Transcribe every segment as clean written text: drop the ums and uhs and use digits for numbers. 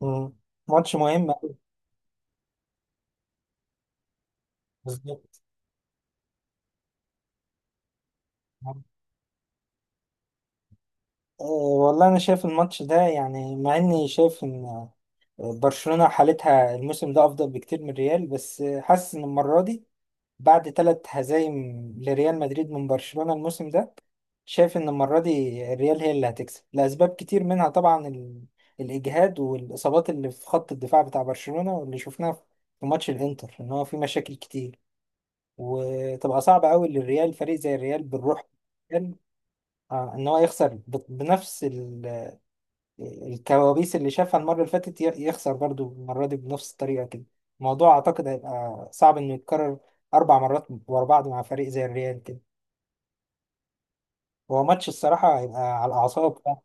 مم. ماتش مهم أوي. بالظبط. والله انا شايف الماتش ده يعني مع اني شايف ان برشلونة حالتها الموسم ده افضل بكتير من ريال، بس حاسس ان المرة دي بعد 3 هزايم لريال مدريد من برشلونة الموسم ده، شايف ان المرة دي الريال هي اللي هتكسب لاسباب كتير، منها طبعا الاجهاد والاصابات اللي في خط الدفاع بتاع برشلونة، واللي شفناها في ماتش الانتر، ان هو في مشاكل كتير وتبقى صعبة قوي للريال فريق زي الريال بالروح آه ان هو يخسر بنفس الكوابيس اللي شافها المرة اللي فاتت، يخسر برضو المرة دي بنفس الطريقة كده. الموضوع اعتقد هيبقى صعب انه يتكرر 4 مرات ورا بعض مع فريق زي الريال كده. هو ماتش الصراحة هيبقى على الاعصاب بقى.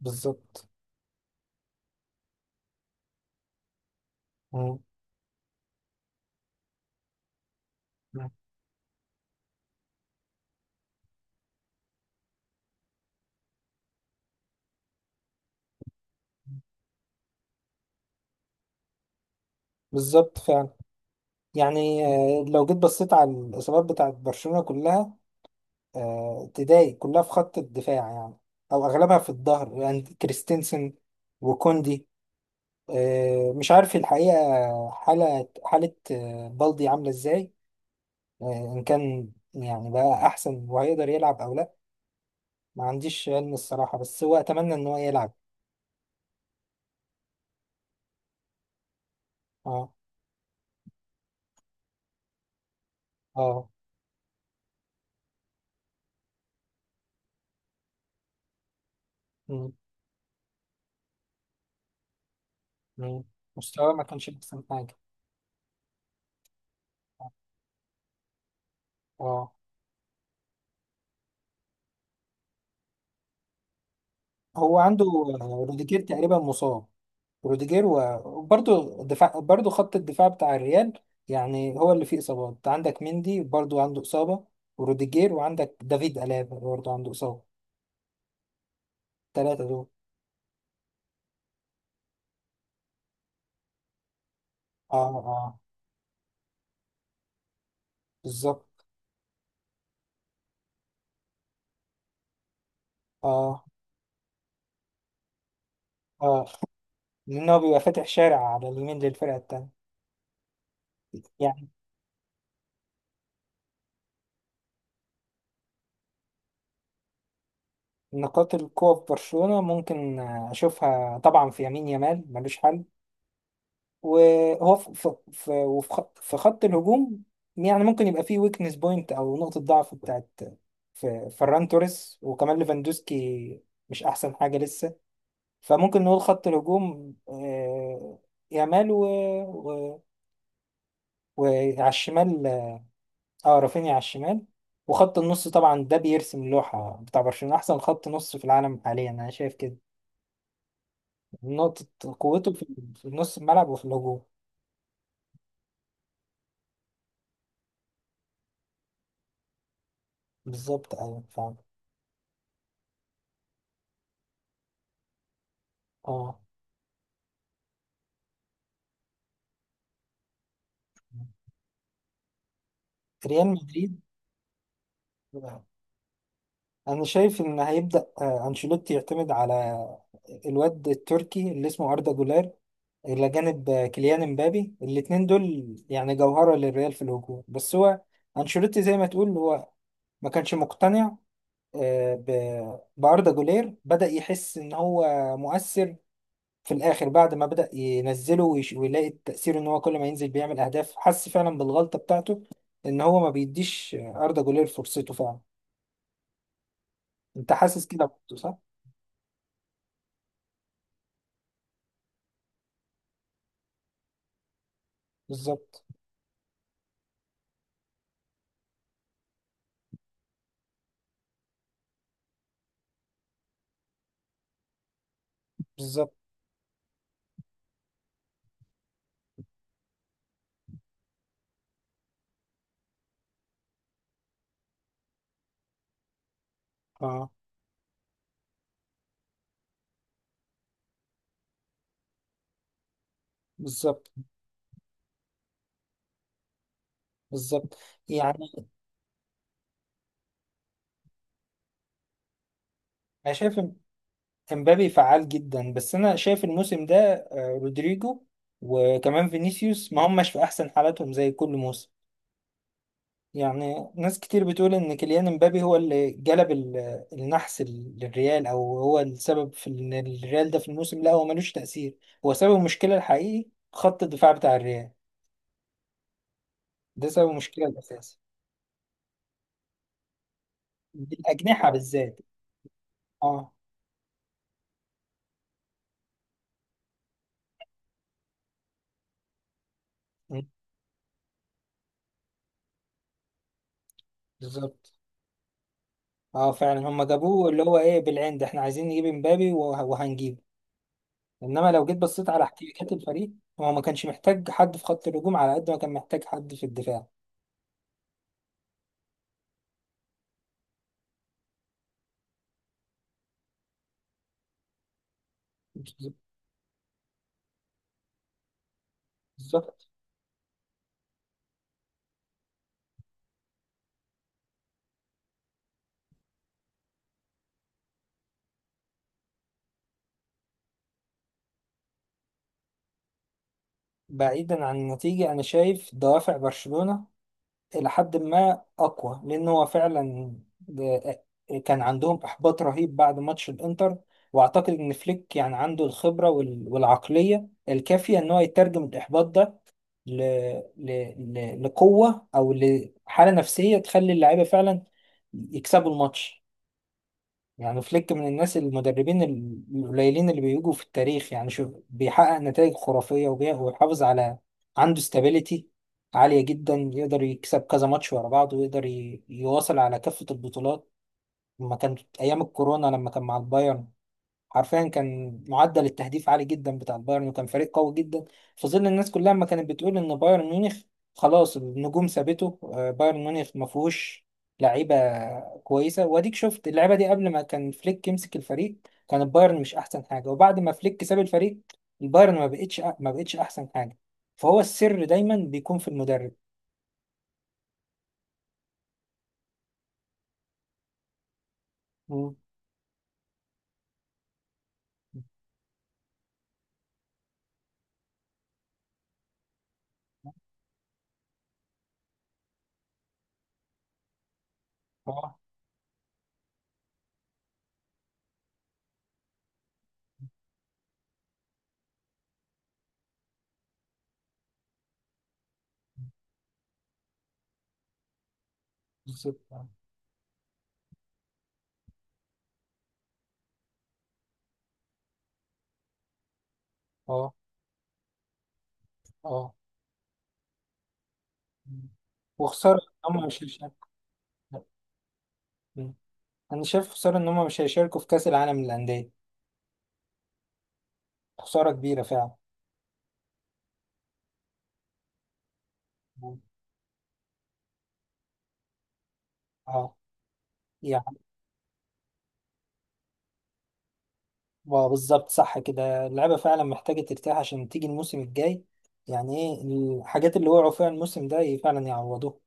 بالظبط. مم. بالظبط فعلا. يعني لو جيت بصيت على الإصابات بتاعت برشلونة كلها، تضايق كلها في خط الدفاع يعني، أو أغلبها في الظهر يعني كريستنسن وكوندي. مش عارف الحقيقة حالة بلدي عاملة ازاي، إن كان يعني بقى أحسن وهيقدر يلعب أو لأ. ما عنديش علم الصراحة، بس هو أتمنى إن هو يلعب. اه. اه. مم. مم. مستواه ما كانش أحسن حاجة. اه. آه. هو عنده روديجير تقريبا مصاب، روديجير وبرضه دفاع برضه خط الدفاع بتاع الريال، يعني هو اللي فيه إصابات، عندك مندي برضه عنده إصابة وروديجير، وعندك دافيد ألابا برضه عنده إصابة، الثلاثة دول. اه. اه. بالظبط. اه. اه لأن هو بيبقى فاتح شارع على اليمين للفرقة التانية. يعني نقاط القوة في برشلونة ممكن أشوفها طبعا في يمين، يامال ملوش حل، وهو في خط الهجوم يعني، ممكن يبقى فيه ويكنس بوينت، أو نقطة ضعف بتاعت في فران توريس وكمان ليفاندوسكي مش أحسن حاجة لسه. فممكن نقول خط الهجوم يامال و... وعلى الشمال. اه رافينيا على الشمال. وخط النص طبعا ده بيرسم لوحة بتاع برشلونة، أحسن خط نص في العالم حاليا أنا شايف كده. نقطة قوته في في نص الملعب وفي الهجوم. بالظبط. أيوة فاهم. اه. ريال مدريد، أنا شايف إن هيبدأ أنشيلوتي يعتمد على الواد التركي اللي اسمه أردا جولير، إلى جانب كيليان امبابي، الاتنين دول يعني جوهرة للريال في الهجوم. بس هو أنشيلوتي زي ما تقول، هو ما كانش مقتنع بأردا جولير، بدأ يحس إن هو مؤثر في الآخر بعد ما بدأ ينزله ويلاقي التأثير إن هو كل ما ينزل بيعمل أهداف، حس فعلا بالغلطة بتاعته إن هو ما بيديش أردا جولير فرصته فعلا. أنت حاسس كده برضه صح؟ بالظبط. بالظبط. أه. بالظبط. بالظبط يعني أنا شايف إمبابي فعال جدا، بس أنا شايف الموسم ده رودريجو وكمان فينيسيوس ما هماش في أحسن حالاتهم زي كل موسم. يعني ناس كتير بتقول ان كيليان امبابي هو اللي جلب النحس للريال، او هو السبب في ان الريال ده في الموسم لا هو ملوش تأثير. هو سبب المشكلة الحقيقي خط الدفاع بتاع الريال، ده سبب المشكلة الأساسي. بالأجنحة بالذات. اه. م، بالظبط. اه فعلا هم جابوه اللي هو ايه بالعند احنا عايزين نجيب امبابي، وهنجيبه. انما لو جيت بصيت على احتياجات الفريق، هو ما كانش محتاج حد في خط الهجوم على قد ما كان محتاج حد في الدفاع. بالظبط. بعيدا عن النتيجة أنا شايف دوافع برشلونة إلى حد ما أقوى، لأن هو فعلا ده- كان عندهم إحباط رهيب بعد ماتش الإنتر، وأعتقد إن فليك يعني عنده الخبرة والعقلية الكافية إن هو يترجم الإحباط ده ل... ل... لقوة أو لحالة نفسية تخلي اللعيبة فعلا يكسبوا الماتش. يعني فليك من الناس المدربين القليلين اللي بيجوا في التاريخ، يعني شوف بيحقق نتائج خرافية وبيحافظ على، عنده استابيليتي عالية جدا، يقدر يكسب كذا ماتش ورا بعض ويقدر يواصل على كافة البطولات. لما كان أيام الكورونا لما كان مع البايرن، حرفيا كان معدل التهديف عالي جدا بتاع البايرن وكان فريق قوي جدا في ظل الناس كلها ما كانت بتقول ان بايرن ميونخ خلاص النجوم سابته، بايرن ميونخ ما فيهوش لعيبه كويسه. واديك شفت اللعيبه دي قبل ما كان فليك يمسك الفريق كان البايرن مش احسن حاجه، وبعد ما فليك ساب الفريق البايرن ما بقتش احسن حاجه. فهو السر دايما بيكون في المدرب. مم. اه. بالظبط. اه. اه. آه. وخساره إن هم مش انا شايف خساره ان هم مش هيشاركوا في كاس العالم للانديه، خساره كبيره فعلا. اه يعني بالظبط، صح كده اللعيبه فعلا محتاجه ترتاح عشان تيجي الموسم الجاي. يعني ايه الحاجات اللي وقعوا فيها الموسم ده فعلا يعوضوها.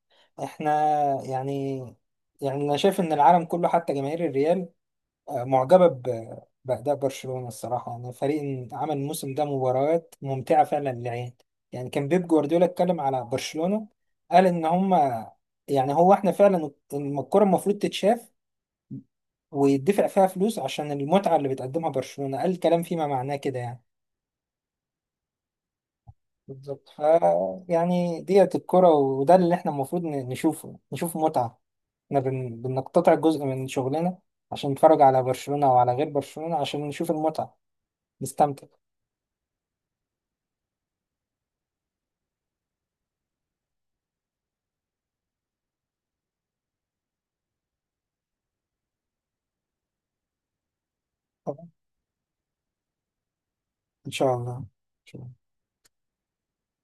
احنا يعني انا شايف ان العالم كله حتى جماهير الريال معجبة بأداء برشلونة، الصراحة أنا فريق عمل الموسم ده مباريات ممتعة فعلا للعين. يعني كان بيب جوارديولا اتكلم على برشلونة قال إن هما، يعني هو إحنا فعلا الكرة المفروض تتشاف ويدفع فيها فلوس عشان المتعة اللي بتقدمها برشلونة. قال الكلام فيما معناه كده يعني. بالظبط. يعني ديت الكرة وده اللي إحنا المفروض نشوفه، نشوف متعة. إحنا بنقتطع جزء من شغلنا عشان نتفرج على برشلونة وعلى غير برشلونة عشان نشوف المتعة، نستمتع. ان شاء الله. إن شاء الله.